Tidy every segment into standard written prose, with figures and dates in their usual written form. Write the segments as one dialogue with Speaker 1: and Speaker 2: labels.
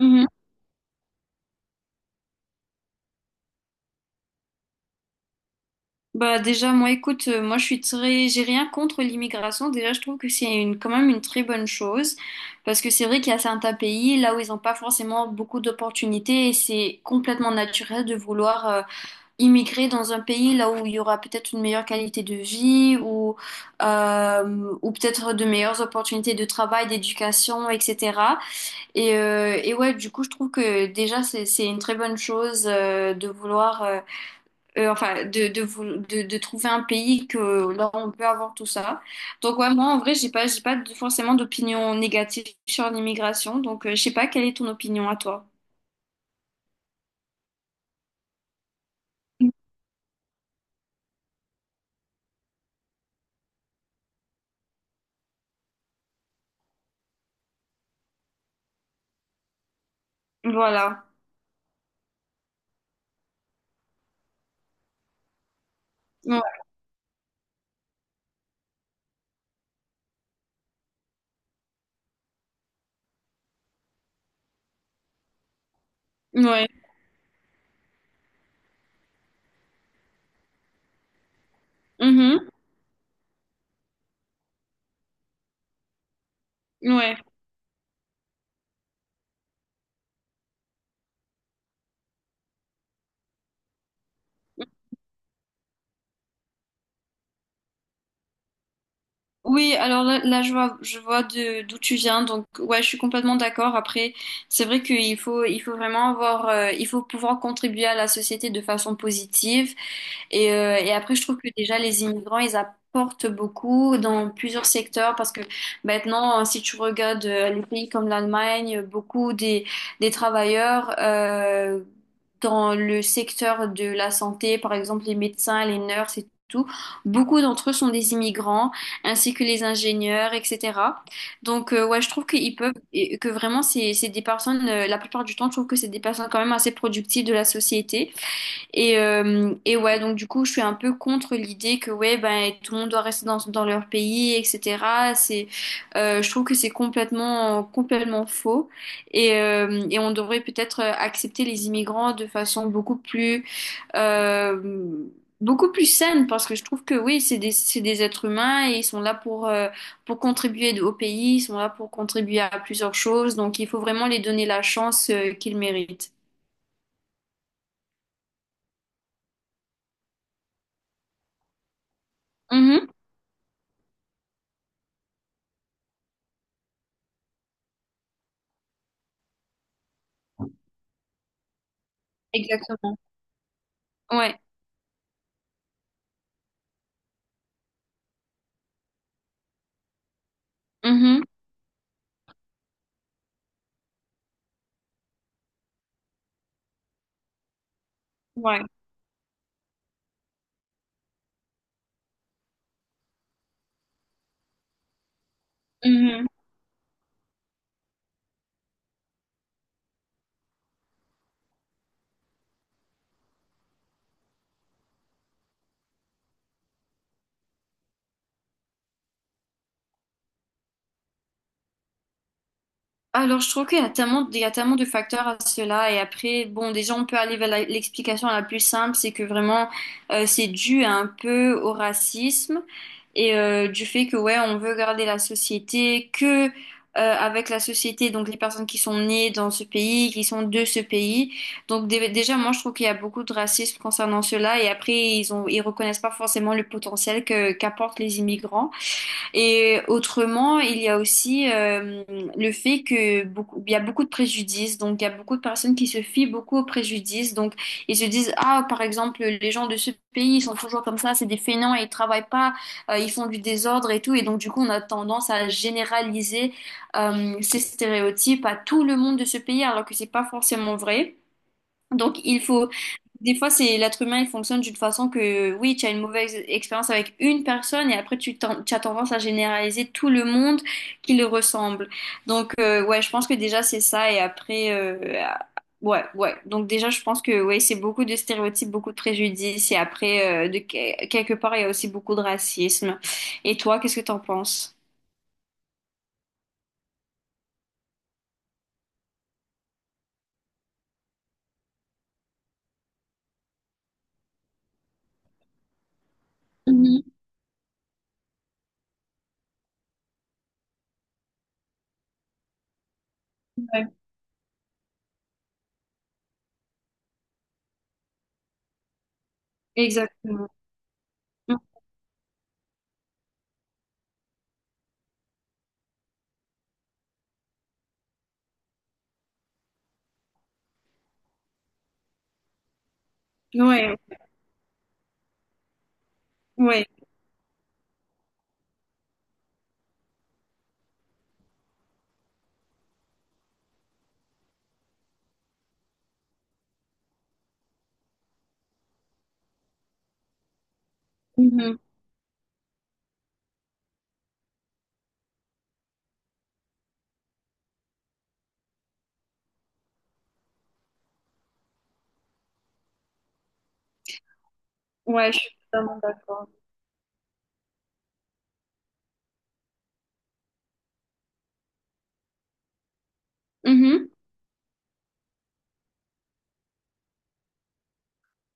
Speaker 1: Mhm. Bah déjà moi écoute, moi je suis très j'ai rien contre l'immigration. Déjà je trouve que c'est une quand même une très bonne chose, parce que c'est vrai qu'il y a certains pays là où ils n'ont pas forcément beaucoup d'opportunités, et c'est complètement naturel de vouloir immigrer dans un pays là où il y aura peut-être une meilleure qualité de vie, ou ou peut-être de meilleures opportunités de travail, d'éducation, etc. Et ouais, du coup je trouve que déjà, c'est une très bonne chose, de vouloir enfin, de trouver un pays que là on peut avoir tout ça. Donc ouais, moi en vrai, j'ai pas de- forcément d'opinion négative sur l'immigration. Donc, je sais pas quelle est ton opinion à toi. Voilà. Ouais. Ouais. Mhm. Ouais. Oui, alors là, je vois de d'où tu viens, donc ouais, je suis complètement d'accord. Après, c'est vrai qu'il faut vraiment avoir, il faut pouvoir contribuer à la société de façon positive. Et après, je trouve que déjà, les immigrants, ils apportent beaucoup dans plusieurs secteurs, parce que maintenant, si tu regardes les pays comme l'Allemagne, beaucoup des travailleurs, dans le secteur de la santé, par exemple les médecins, les nurses et tout, beaucoup d'entre eux sont des immigrants, ainsi que les ingénieurs, etc. Donc, ouais, je trouve qu'ils peuvent, et que vraiment, c'est des personnes, la plupart du temps, je trouve que c'est des personnes quand même assez productives de la société. Et ouais, donc du coup, je suis un peu contre l'idée que ouais, ben, tout le monde doit rester dans leur pays, etc. Je trouve que c'est complètement faux. Et on devrait peut-être accepter les immigrants de façon euh, beaucoup plus saine, parce que je trouve que oui, c'est des êtres humains, et ils sont là pour contribuer au pays, ils sont là pour contribuer à plusieurs choses. Donc il faut vraiment les donner la chance, qu'ils méritent. Mhm, exactement. Ouais. Mhm. Ouais. Mhm. Alors, je trouve qu'il y a tellement de facteurs à cela. Et après, bon, déjà, on peut aller vers l'explication la plus simple, c'est que vraiment, c'est dû un peu au racisme. Et du fait que, ouais, on veut garder la société, que avec la société, donc les personnes qui sont nées dans ce pays, qui sont de ce pays. Donc, déjà, moi, je trouve qu'il y a beaucoup de racisme concernant cela. Et après, ils reconnaissent pas forcément le potentiel que, qu'apportent les immigrants. Et autrement, il y a aussi le fait que beaucoup, il y a beaucoup de préjudices. Donc, il y a beaucoup de personnes qui se fient beaucoup aux préjudices. Donc, ils se disent, ah, par exemple, les gens de ce pays, ils sont toujours comme ça, c'est des fainéants et ils travaillent pas, ils font du désordre et tout. Et donc, du coup, on a tendance à généraliser ces stéréotypes à tout le monde de ce pays, alors que c'est pas forcément vrai. Donc, il faut. Des fois, c'est l'être humain, il fonctionne d'une façon que, oui, tu as une mauvaise expérience avec une personne, et après, tu as tendance à généraliser tout le monde qui le ressemble. Donc, ouais, je pense que déjà, c'est ça. Et après, ah, ouais, ouais. Donc, déjà, je pense que, ouais, c'est beaucoup de stéréotypes, beaucoup de préjudices. Et après, quelque part, il y a aussi beaucoup de racisme. Et toi, qu'est-ce que t'en penses? Mhm. Ouais, exactement. Ouais, ouais. Mhm. Ouais, je suis totalement d'accord. Mhm.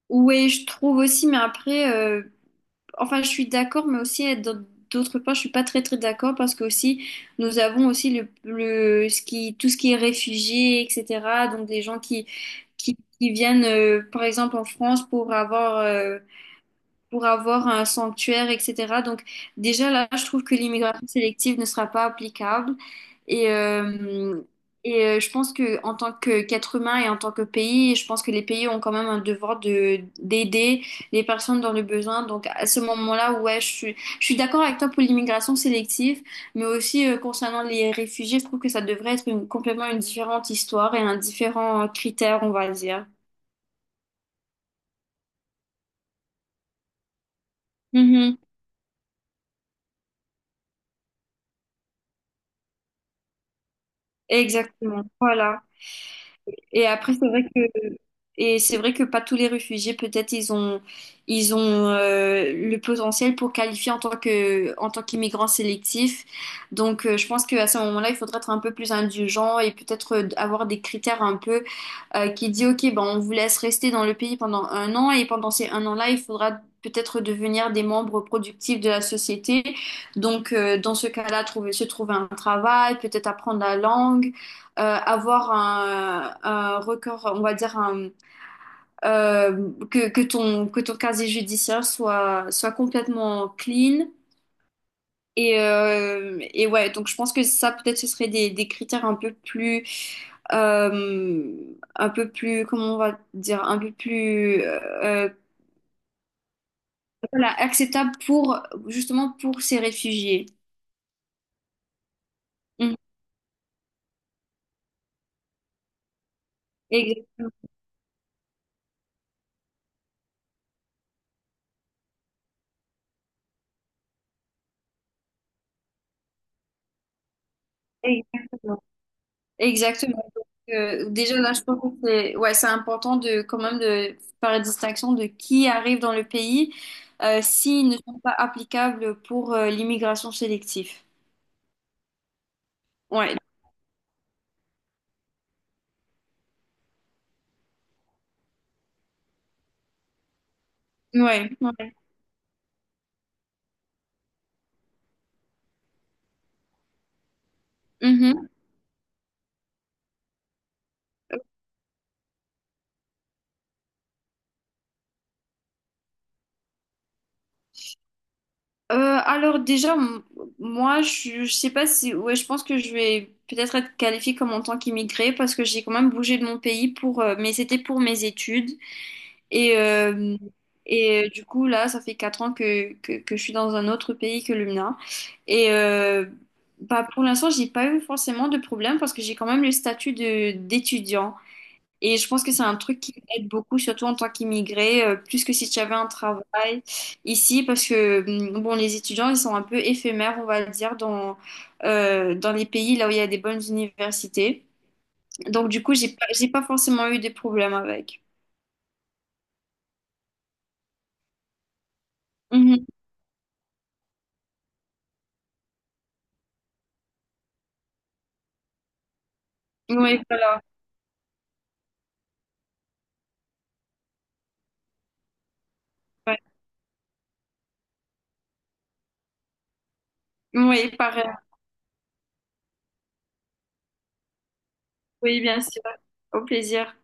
Speaker 1: Oui, je trouve aussi, mais après, enfin, je suis d'accord, d'autre part, je suis pas très très d'accord, parce que aussi, nous avons aussi le ce qui, tout ce qui est réfugié, etc. Donc des gens qui viennent, par exemple, en France pour avoir un sanctuaire, etc. Donc déjà là, je trouve que l'immigration sélective ne sera pas applicable. Et, euh, et je pense que en tant que qu'être humain, et en tant que pays, je pense que les pays ont quand même un devoir de d'aider les personnes dans le besoin. Donc à ce moment-là, ouais, je suis d'accord avec toi pour l'immigration sélective, mais aussi concernant les réfugiés, je trouve que ça devrait être complètement une différente histoire et un différent critère, on va dire. Mhm. Exactement. Voilà. Et après, c'est vrai que et c'est vrai que pas tous les réfugiés, peut-être ils ont le potentiel pour qualifier en tant que en tant qu'immigrant sélectif. Donc je pense qu'à ce moment-là, il faudrait être un peu plus indulgent, et peut-être avoir des critères un peu, qui dit, OK, ben, on vous laisse rester dans le pays pendant un an, et pendant ces un an-là, il faudra peut-être devenir des membres productifs de la société. Donc, dans ce cas-là, se trouver un travail, peut-être apprendre la langue, avoir un record, on va dire, que ton casier judiciaire soit complètement clean. Et ouais, donc je pense que ça, peut-être ce serait des critères euh, un peu plus, comment on va dire, un peu plus, voilà, acceptable pour, justement, pour ces réfugiés. Mhm. Exactement. Exactement. Exactement. Déjà là, je pense que c'est, ouais, c'est important de, quand même, de faire la distinction de qui arrive dans le pays, s'ils ne sont pas applicables pour, l'immigration sélective. Ouais. Ouais. Ouais. Euh, alors déjà, moi, je sais pas si, ouais, je pense que je vais peut-être être qualifiée comme en tant qu'immigrée, parce que j'ai quand même bougé de mon pays pour, mais c'était pour mes études. Et euh, et euh, du coup là, ça fait 4 ans que je suis dans un autre pays que le mien. Et bah pour l'instant, j'ai pas eu forcément de problème, parce que j'ai quand même le statut de d'étudiant. Et je pense que c'est un truc qui aide beaucoup, surtout en tant qu'immigré, plus que si tu avais un travail ici, parce que bon, les étudiants, ils sont un peu éphémères, on va dire, dans, dans les pays là où il y a des bonnes universités. Donc du coup, j'ai pas forcément eu des problèmes avec. Mhm. Oui, voilà, ouais. Oui, pareil. Oui, bien sûr. Au plaisir.